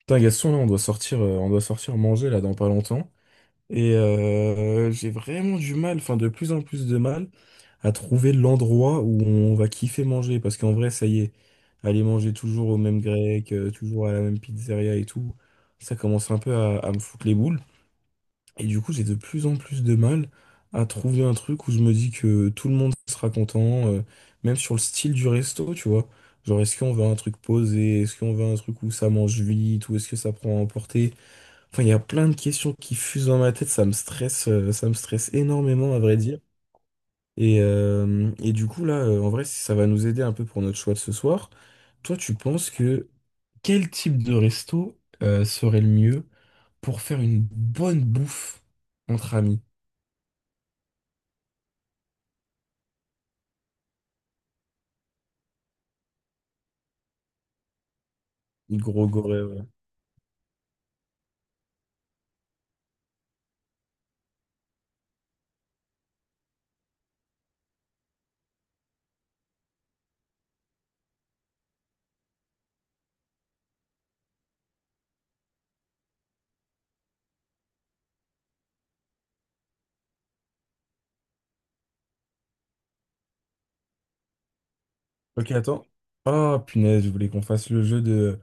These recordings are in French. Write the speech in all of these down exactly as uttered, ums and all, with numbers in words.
Putain, Gaston, là, on doit sortir, euh, on doit sortir manger là dans pas longtemps. Et euh, j'ai vraiment du mal, enfin de plus en plus de mal, à trouver l'endroit où on va kiffer manger. Parce qu'en vrai, ça y est, aller manger toujours au même grec, euh, toujours à la même pizzeria et tout, ça commence un peu à, à me foutre les boules. Et du coup, j'ai de plus en plus de mal à trouver un truc où je me dis que tout le monde sera content, euh, même sur le style du resto, tu vois. Genre, est-ce qu'on veut un truc posé? Est-ce qu'on veut un truc où ça mange vite? Ou est-ce que ça prend à emporter? Enfin, il y a plein de questions qui fusent dans ma tête. Ça me stresse, euh, ça me stresse énormément, à vrai dire. Et, euh, et du coup, là, euh, en vrai, si ça va nous aider un peu pour notre choix de ce soir, toi, tu penses que quel type de resto, euh, serait le mieux pour faire une bonne bouffe entre amis? Gros goré, ouais. Ok, attends. Ah, punaise, je voulais qu'on fasse le jeu de…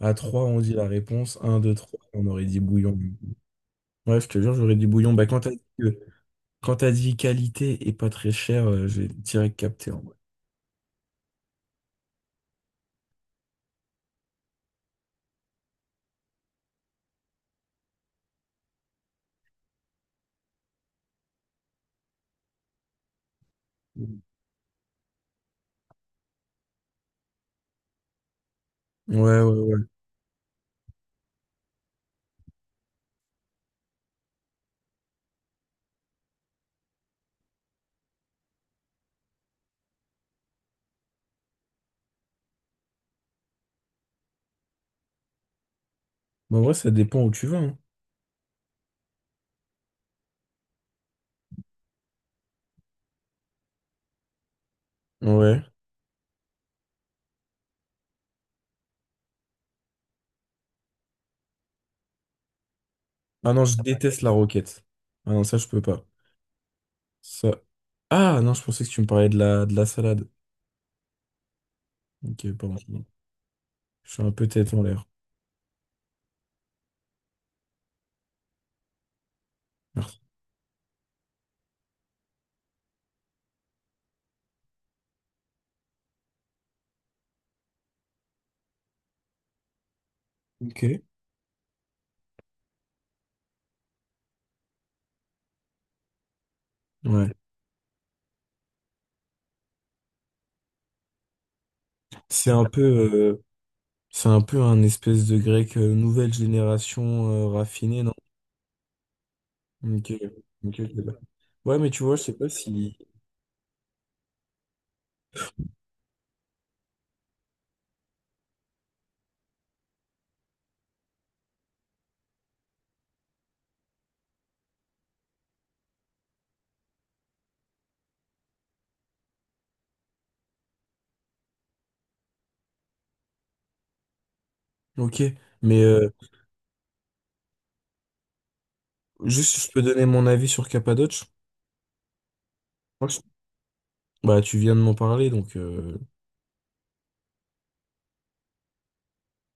À trois, on dit la réponse. Un, deux, trois, on aurait dit bouillon. Ouais, je te jure, j'aurais dit bouillon. Bah, quand t'as dit, que- quand t'as dit qualité et pas très cher, euh, j'ai direct capté, en vrai. Ouais, ouais, ouais. Mais en vrai, ça dépend où tu vas, hein. Ouais. Ah non, je déteste la roquette. Ah non, ça, je peux pas. Ça… Ah non, je pensais que tu me parlais de la, de la salade. Ok, pardon. Je suis un peu tête en l'air. Merci. Ok. Ouais. C'est un peu. euh, C'est un peu un espèce de grec euh, nouvelle génération euh, raffinée, non? Ok. Ok, je sais pas. Ouais, mais tu vois, je sais pas si… Ok, mais euh, juste, si je peux donner mon avis sur Cappadoce. Moi, je- Bah, tu viens de m'en parler, donc. euh,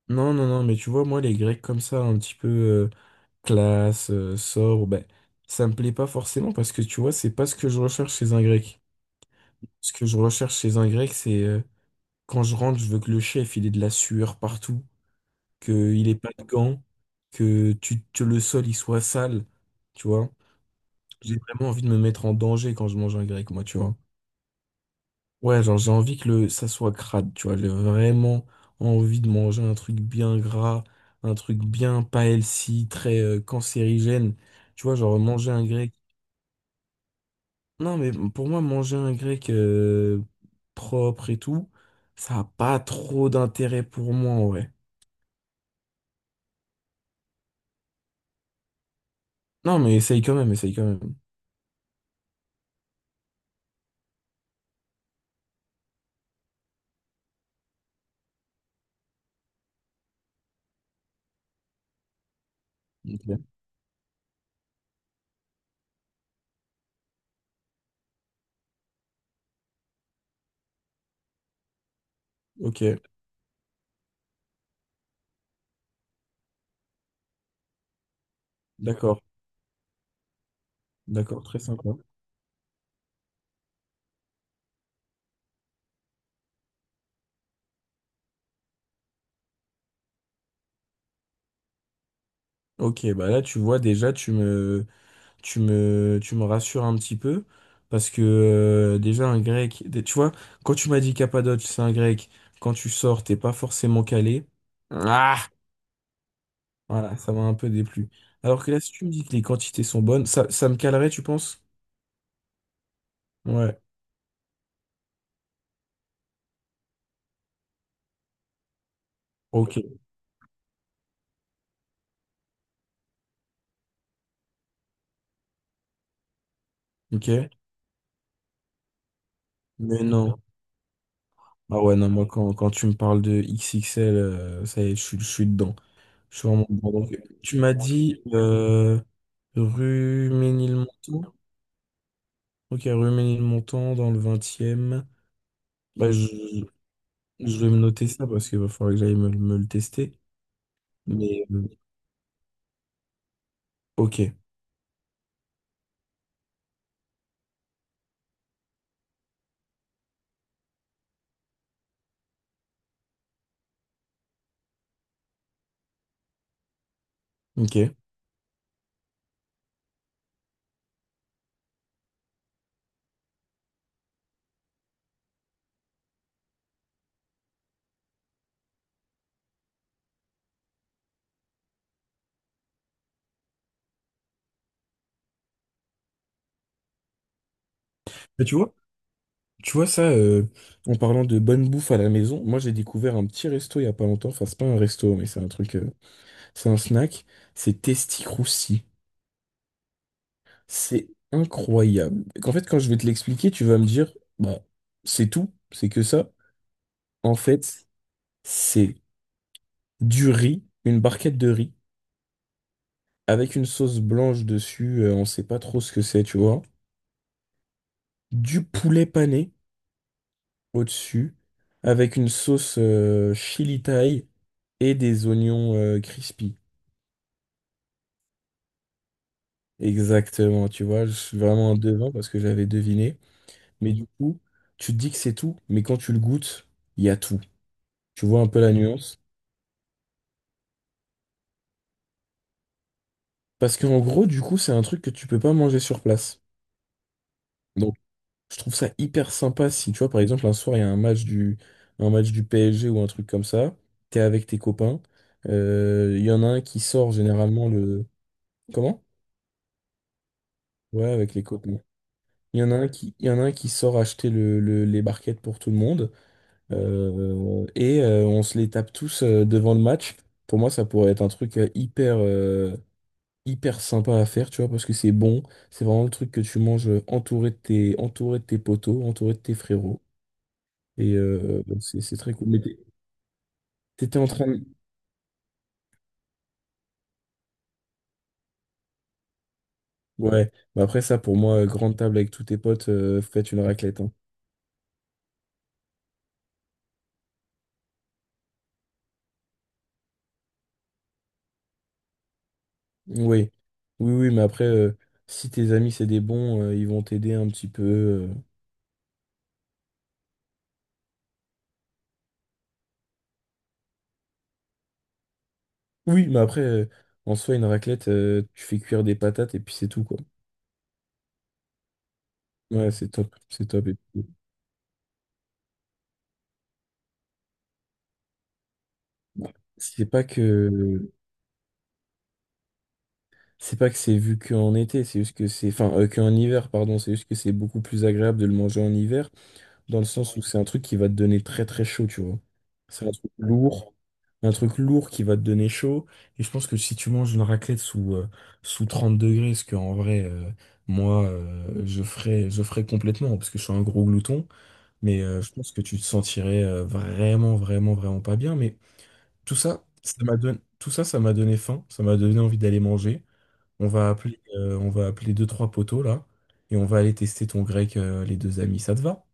Non, non, non, mais tu vois, moi, les Grecs comme ça, un petit peu euh, classe, euh, sobre, ben, ça me plaît pas forcément parce que tu vois, c'est pas ce que je recherche chez un Grec. Ce que je recherche chez un Grec, c'est euh, quand je rentre, je veux que le chef, il ait de la sueur partout, qu'il ait pas de gants, que tu, que le sol il soit sale, tu vois. J'ai vraiment envie de me mettre en danger quand je mange un grec, moi, tu vois. Ouais, genre j'ai envie que le, ça soit crade, tu vois. J'ai vraiment envie de manger un truc bien gras, un truc bien pas healthy, très euh, cancérigène. Tu vois, genre manger un grec. Non, mais pour moi, manger un grec euh, propre et tout, ça a pas trop d'intérêt pour moi, ouais. Non, mais essaye quand même, essaye quand même. Ok. Ok, d'accord. D'accord, très sympa. Ok, bah là tu vois déjà tu me tu me tu me rassures un petit peu parce que euh, déjà un grec, des- tu vois, quand tu m'as dit Cappadoce, c'est un grec, quand tu sors, t'es pas forcément calé. Ah! Voilà, ça m'a un peu déplu. Alors que là, si tu me dis que les quantités sont bonnes, ça, ça me calerait, tu penses? Ouais, ok, ok. Mais non. Ah ouais, non, moi quand, quand tu me parles de X X L, euh, ça y est, je suis je suis dedans. Je suis vraiment bon. Donc, tu m'as dit euh, rue Ménilmontant. Ok, rue Ménilmontant dans le vingt. Bah, je, je vais me noter ça parce qu'il va falloir que j'aille me, me le tester. Mais euh, ok, ok. Mais tu vois, tu vois ça, euh, en parlant de bonne bouffe à la maison, moi j'ai découvert un petit resto il y a pas longtemps. Enfin, c'est pas un resto, mais c'est un truc, euh, c'est un snack. C'est Testy Crousty. C'est incroyable. En fait, quand je vais te l'expliquer, tu vas me dire, bah, c'est tout, c'est que ça. En fait, c'est du riz, une barquette de riz, avec une sauce blanche dessus, euh, on sait pas trop ce que c'est, tu vois. Du poulet pané au-dessus, avec une sauce euh, chili thaï et des oignons euh, crispy. Exactement, tu vois, je suis vraiment un devin parce que j'avais deviné. Mais du coup, tu te dis que c'est tout, mais quand tu le goûtes, il y a tout. Tu vois un peu la nuance. Parce qu'en gros, du coup, c'est un truc que tu peux pas manger sur place. Donc, je trouve ça hyper sympa si, tu vois, par exemple, un soir, il y a un match du, un match du P S G ou un truc comme ça. T'es avec tes copains. euh, Il y en a un qui sort généralement le… Comment? Ouais, avec les copains. Il y en a un qui, il y en a un qui sort acheter le, le- les barquettes pour tout le monde, euh, et euh, on se les tape tous euh, devant le match. Pour moi, ça pourrait être un truc euh, hyper, euh, hyper sympa à faire, tu vois, parce que c'est bon. C'est vraiment le truc que tu manges entouré de tes, entouré de tes potos, entouré de tes frérots. Et euh, bon, c'est c'est très cool. Mais t'é- t'étais en train de… Ouais, mais après ça, pour moi, euh, grande table avec tous tes potes, euh, faites une raclette, hein. Oui, oui, oui, mais après, euh, si tes amis, c'est des bons, euh, ils vont t'aider un petit peu, euh. Oui, mais après, euh, en soi, une raclette, euh, tu fais cuire des patates et puis c'est tout, quoi. Ouais, c'est top, c'est top. Et puis… C'est pas que... C'est pas que c'est vu qu'en été, c'est juste que c'est… Enfin, euh, qu'en hiver, pardon, c'est juste que c'est beaucoup plus agréable de le manger en hiver, dans le sens où c'est un truc qui va te donner très très chaud, tu vois. C'est un truc lourd, un truc lourd qui va te donner chaud. Et je pense que si tu manges une raclette sous, euh, sous trente degrés, ce que en vrai, euh, moi, euh, je ferais, je ferais complètement, parce que je suis un gros glouton, mais euh, je pense que tu te sentirais euh, vraiment, vraiment, vraiment pas bien. Mais tout ça, ça m'a donné, tout ça, ça m'a donné faim, ça m'a donné envie d'aller manger. On va appeler, euh, on va appeler deux, trois poteaux là, et on va aller tester ton grec, euh, les deux amis. Ça te va?